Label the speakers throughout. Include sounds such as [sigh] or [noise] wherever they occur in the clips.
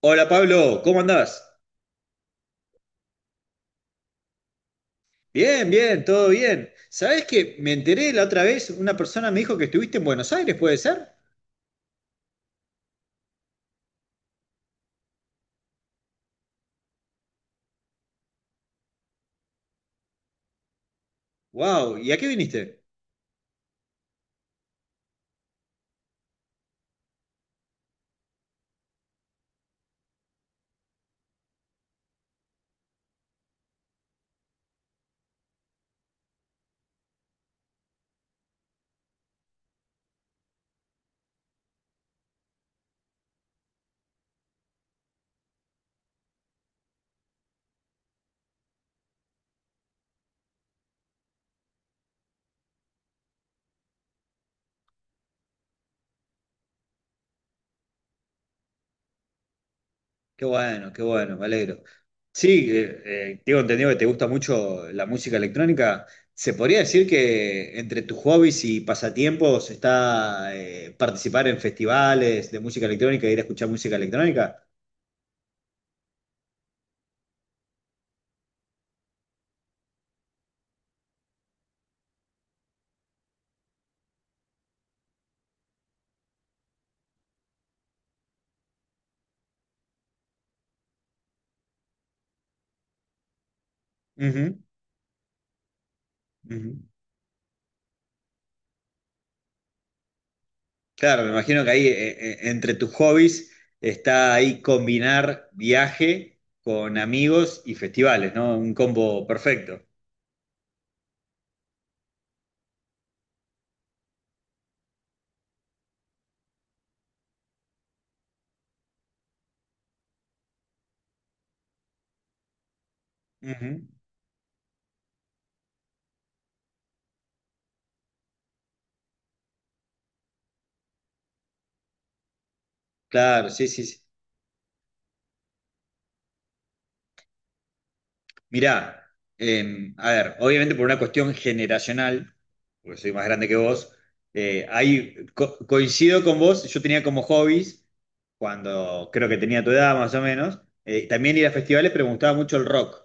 Speaker 1: Hola Pablo, ¿cómo andás? Bien, bien, todo bien. ¿Sabés que me enteré la otra vez? Una persona me dijo que estuviste en Buenos Aires, ¿puede ser? Wow, ¿y a qué viniste? Qué bueno, me alegro. Sí, tengo entendido que te gusta mucho la música electrónica. ¿Se podría decir que entre tus hobbies y pasatiempos está participar en festivales de música electrónica e ir a escuchar música electrónica? Ujú, ujú. Claro, me imagino que ahí entre tus hobbies está ahí combinar viaje con amigos y festivales, ¿no? Un combo perfecto. Ujú. Claro, sí, sí, sí. Mirá, a ver, obviamente por una cuestión generacional, porque soy más grande que vos, coincido con vos, yo tenía como hobbies cuando creo que tenía tu edad más o menos, también ir a festivales, pero me gustaba mucho el rock.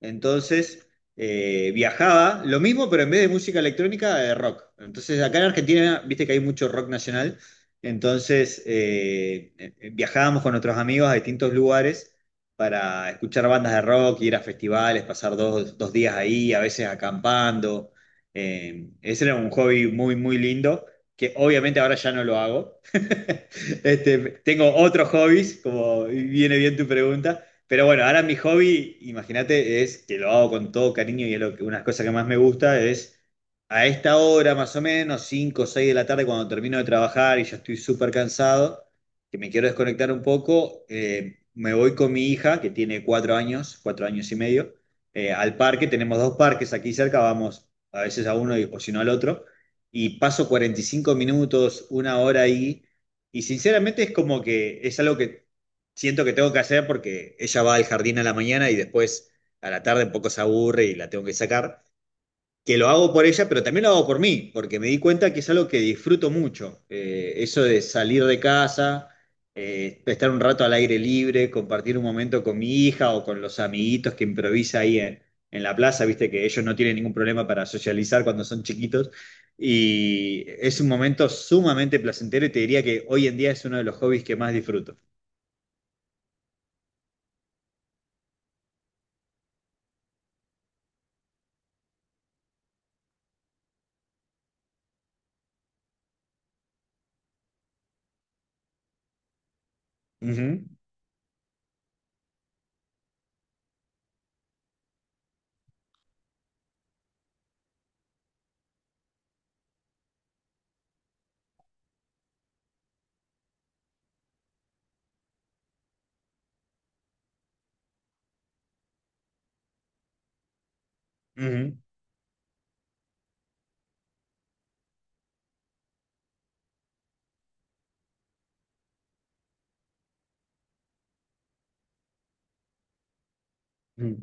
Speaker 1: Entonces, viajaba, lo mismo, pero en vez de música electrónica, de rock. Entonces, acá en Argentina, viste que hay mucho rock nacional, entonces viajábamos con nuestros amigos a distintos lugares para escuchar bandas de rock, ir a festivales, pasar dos días ahí, a veces acampando. Ese era un hobby muy, muy lindo, que obviamente ahora ya no lo hago. [laughs] Este, tengo otros hobbies, como viene bien tu pregunta. Pero bueno, ahora mi hobby, imagínate, es que lo hago con todo cariño y es lo que, una de las cosas que más me gusta es a esta hora más o menos, 5 o seis de la tarde, cuando termino de trabajar y ya estoy súper cansado, que me quiero desconectar un poco. Me voy con mi hija, que tiene 4 años, 4 años y medio, al parque. Tenemos dos parques aquí cerca, vamos a veces a uno y, o si no al otro, y paso 45 minutos, una hora ahí, y sinceramente es como que es algo que siento que tengo que hacer porque ella va al jardín a la mañana y después a la tarde un poco se aburre y la tengo que sacar, que lo hago por ella, pero también lo hago por mí, porque me di cuenta que es algo que disfruto mucho. Eso de salir de casa, estar un rato al aire libre, compartir un momento con mi hija o con los amiguitos que improvisa ahí en, la plaza, viste que ellos no tienen ningún problema para socializar cuando son chiquitos. Y es un momento sumamente placentero, y te diría que hoy en día es uno de los hobbies que más disfruto. Ujú, ujú, ujú.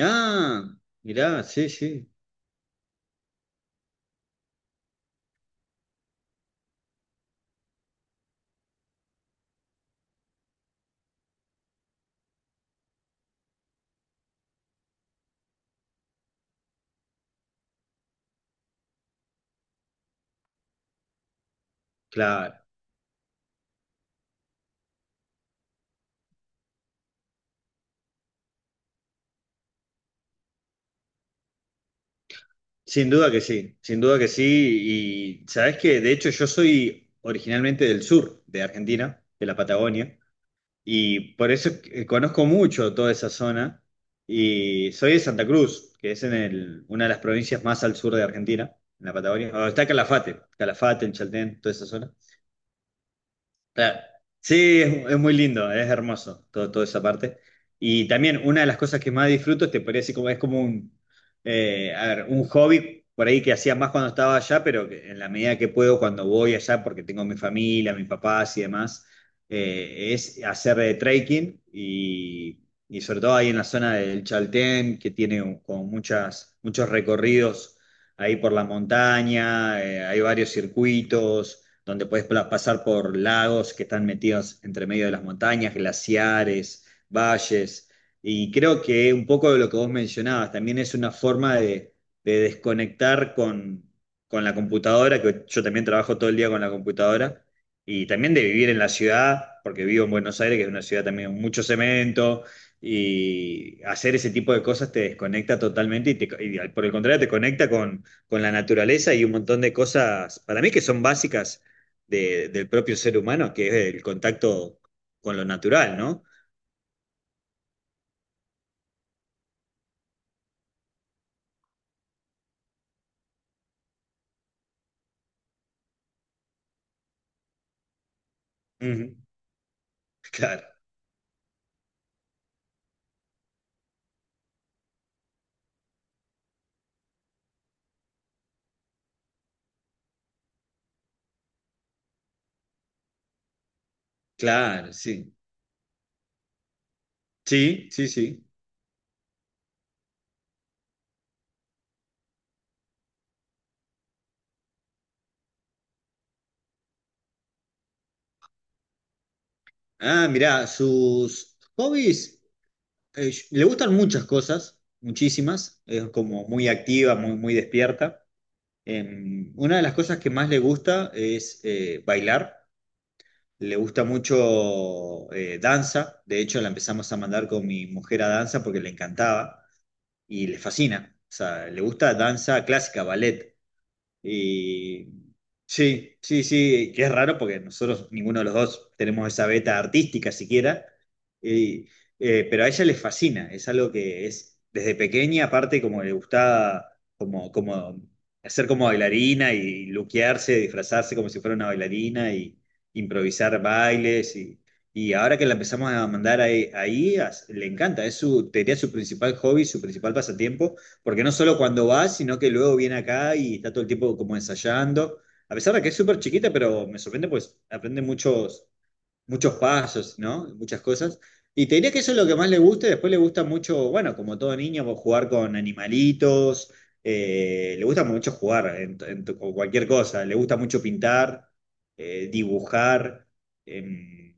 Speaker 1: Ah, mirá, sí, sí, claro. Sin duda que sí, sin duda que sí. Y sabes que, de hecho, yo soy originalmente del sur de Argentina, de la Patagonia, y por eso conozco mucho toda esa zona. Y soy de Santa Cruz, que es una de las provincias más al sur de Argentina, en la Patagonia. Donde está Calafate, Calafate, en Chaltén, toda esa zona. Claro. Sí, es muy lindo, es hermoso todo, toda esa parte. Y también una de las cosas que más disfruto, te podría decir, como es como a ver, un hobby por ahí que hacía más cuando estaba allá, pero que en la medida que puedo cuando voy allá, porque tengo mi familia, mis papás y demás, es hacer trekking, y sobre todo ahí en la zona del Chaltén, que tiene como muchos recorridos ahí por la montaña. Hay varios circuitos donde puedes pasar por lagos que están metidos entre medio de las montañas, glaciares, valles. Y creo que un poco de lo que vos mencionabas también es una forma de desconectar con, la computadora, que yo también trabajo todo el día con la computadora, y también de vivir en la ciudad, porque vivo en Buenos Aires, que es una ciudad también con mucho cemento. Y hacer ese tipo de cosas te desconecta totalmente y, por el contrario te conecta con la naturaleza y un montón de cosas, para mí que son básicas del propio ser humano, que es el contacto con lo natural, ¿no? Ujú. Claro, claro, sí. Sí, sí, sí. Ah, mirá, sus hobbies, le gustan muchas cosas, muchísimas. Es como muy activa, muy, muy despierta. Una de las cosas que más le gusta es bailar. Le gusta mucho danza. De hecho, la empezamos a mandar con mi mujer a danza porque le encantaba y le fascina. O sea, le gusta danza clásica, ballet. Y sí, sí, sí, que es raro porque nosotros, ninguno de los dos, tenemos esa beta artística siquiera, y, pero a ella le fascina, es algo que es desde pequeña. Aparte, como le gustaba como hacer como bailarina y luquearse, disfrazarse como si fuera una bailarina y improvisar bailes, y ahora que la empezamos a mandar ahí, le encanta. Es su, te diría, su principal hobby, su principal pasatiempo, porque no solo cuando va, sino que luego viene acá y está todo el tiempo como ensayando. A pesar de que es súper chiquita, pero me sorprende, pues aprende muchos, muchos pasos, ¿no? Muchas cosas. Y te diría que eso es lo que más le gusta. Y después le gusta mucho, bueno, como todo niño, pues, jugar con animalitos. Le gusta mucho jugar con cualquier cosa. Le gusta mucho pintar, dibujar. em,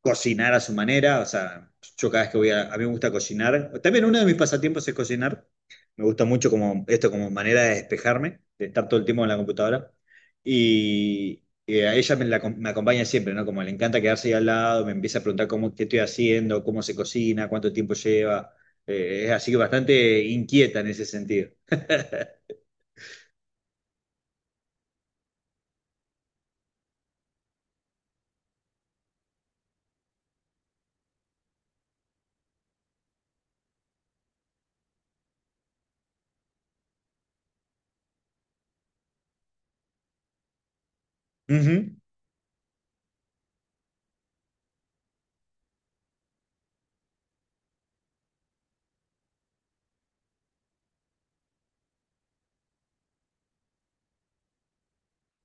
Speaker 1: cocinar a su manera. O sea, yo cada vez que voy a mí me gusta cocinar, también uno de mis pasatiempos es cocinar. Me gusta mucho como esto como manera de despejarme, de estar todo el tiempo en la computadora, y a ella me, me acompaña siempre, ¿no? Como le encanta quedarse ahí al lado, me empieza a preguntar qué estoy haciendo, cómo se cocina, cuánto tiempo lleva. Es así, que bastante inquieta en ese sentido. Ujú,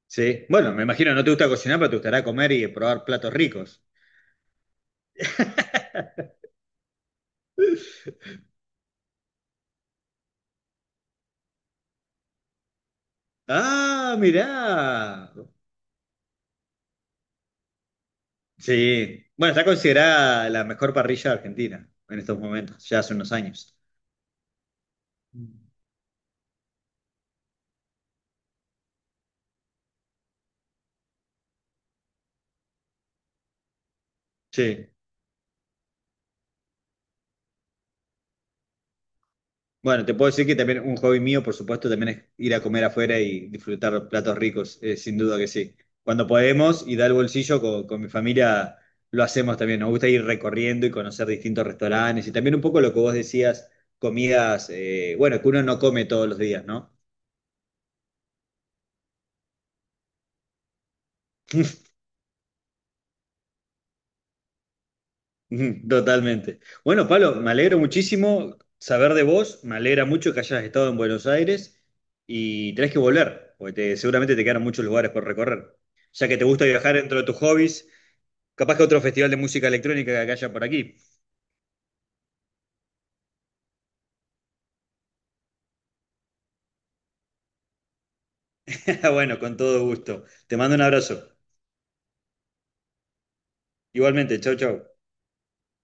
Speaker 1: sí, bueno, me imagino no te gusta cocinar, pero te gustará comer y probar platos ricos. Ah, mirá. Sí. Bueno, está considerada la mejor parrilla de Argentina en estos momentos, ya hace unos años. Sí. Bueno, te puedo decir que también un hobby mío, por supuesto, también es ir a comer afuera y disfrutar platos ricos, sin duda que sí. Cuando podemos y da el bolsillo, con mi familia, lo hacemos también. Nos gusta ir recorriendo y conocer distintos restaurantes, y también un poco lo que vos decías, comidas, bueno, que uno no come todos los días, ¿no? Ujú. Totalmente. Bueno, Pablo, me alegro muchísimo saber de vos, me alegra mucho que hayas estado en Buenos Aires y tenés que volver, porque seguramente te quedan muchos lugares por recorrer. Ya que te gusta viajar dentro de tus hobbies, capaz que otro festival de música electrónica que haya por aquí. [laughs] Bueno, con todo gusto. Te mando un abrazo. Igualmente, chau, chau.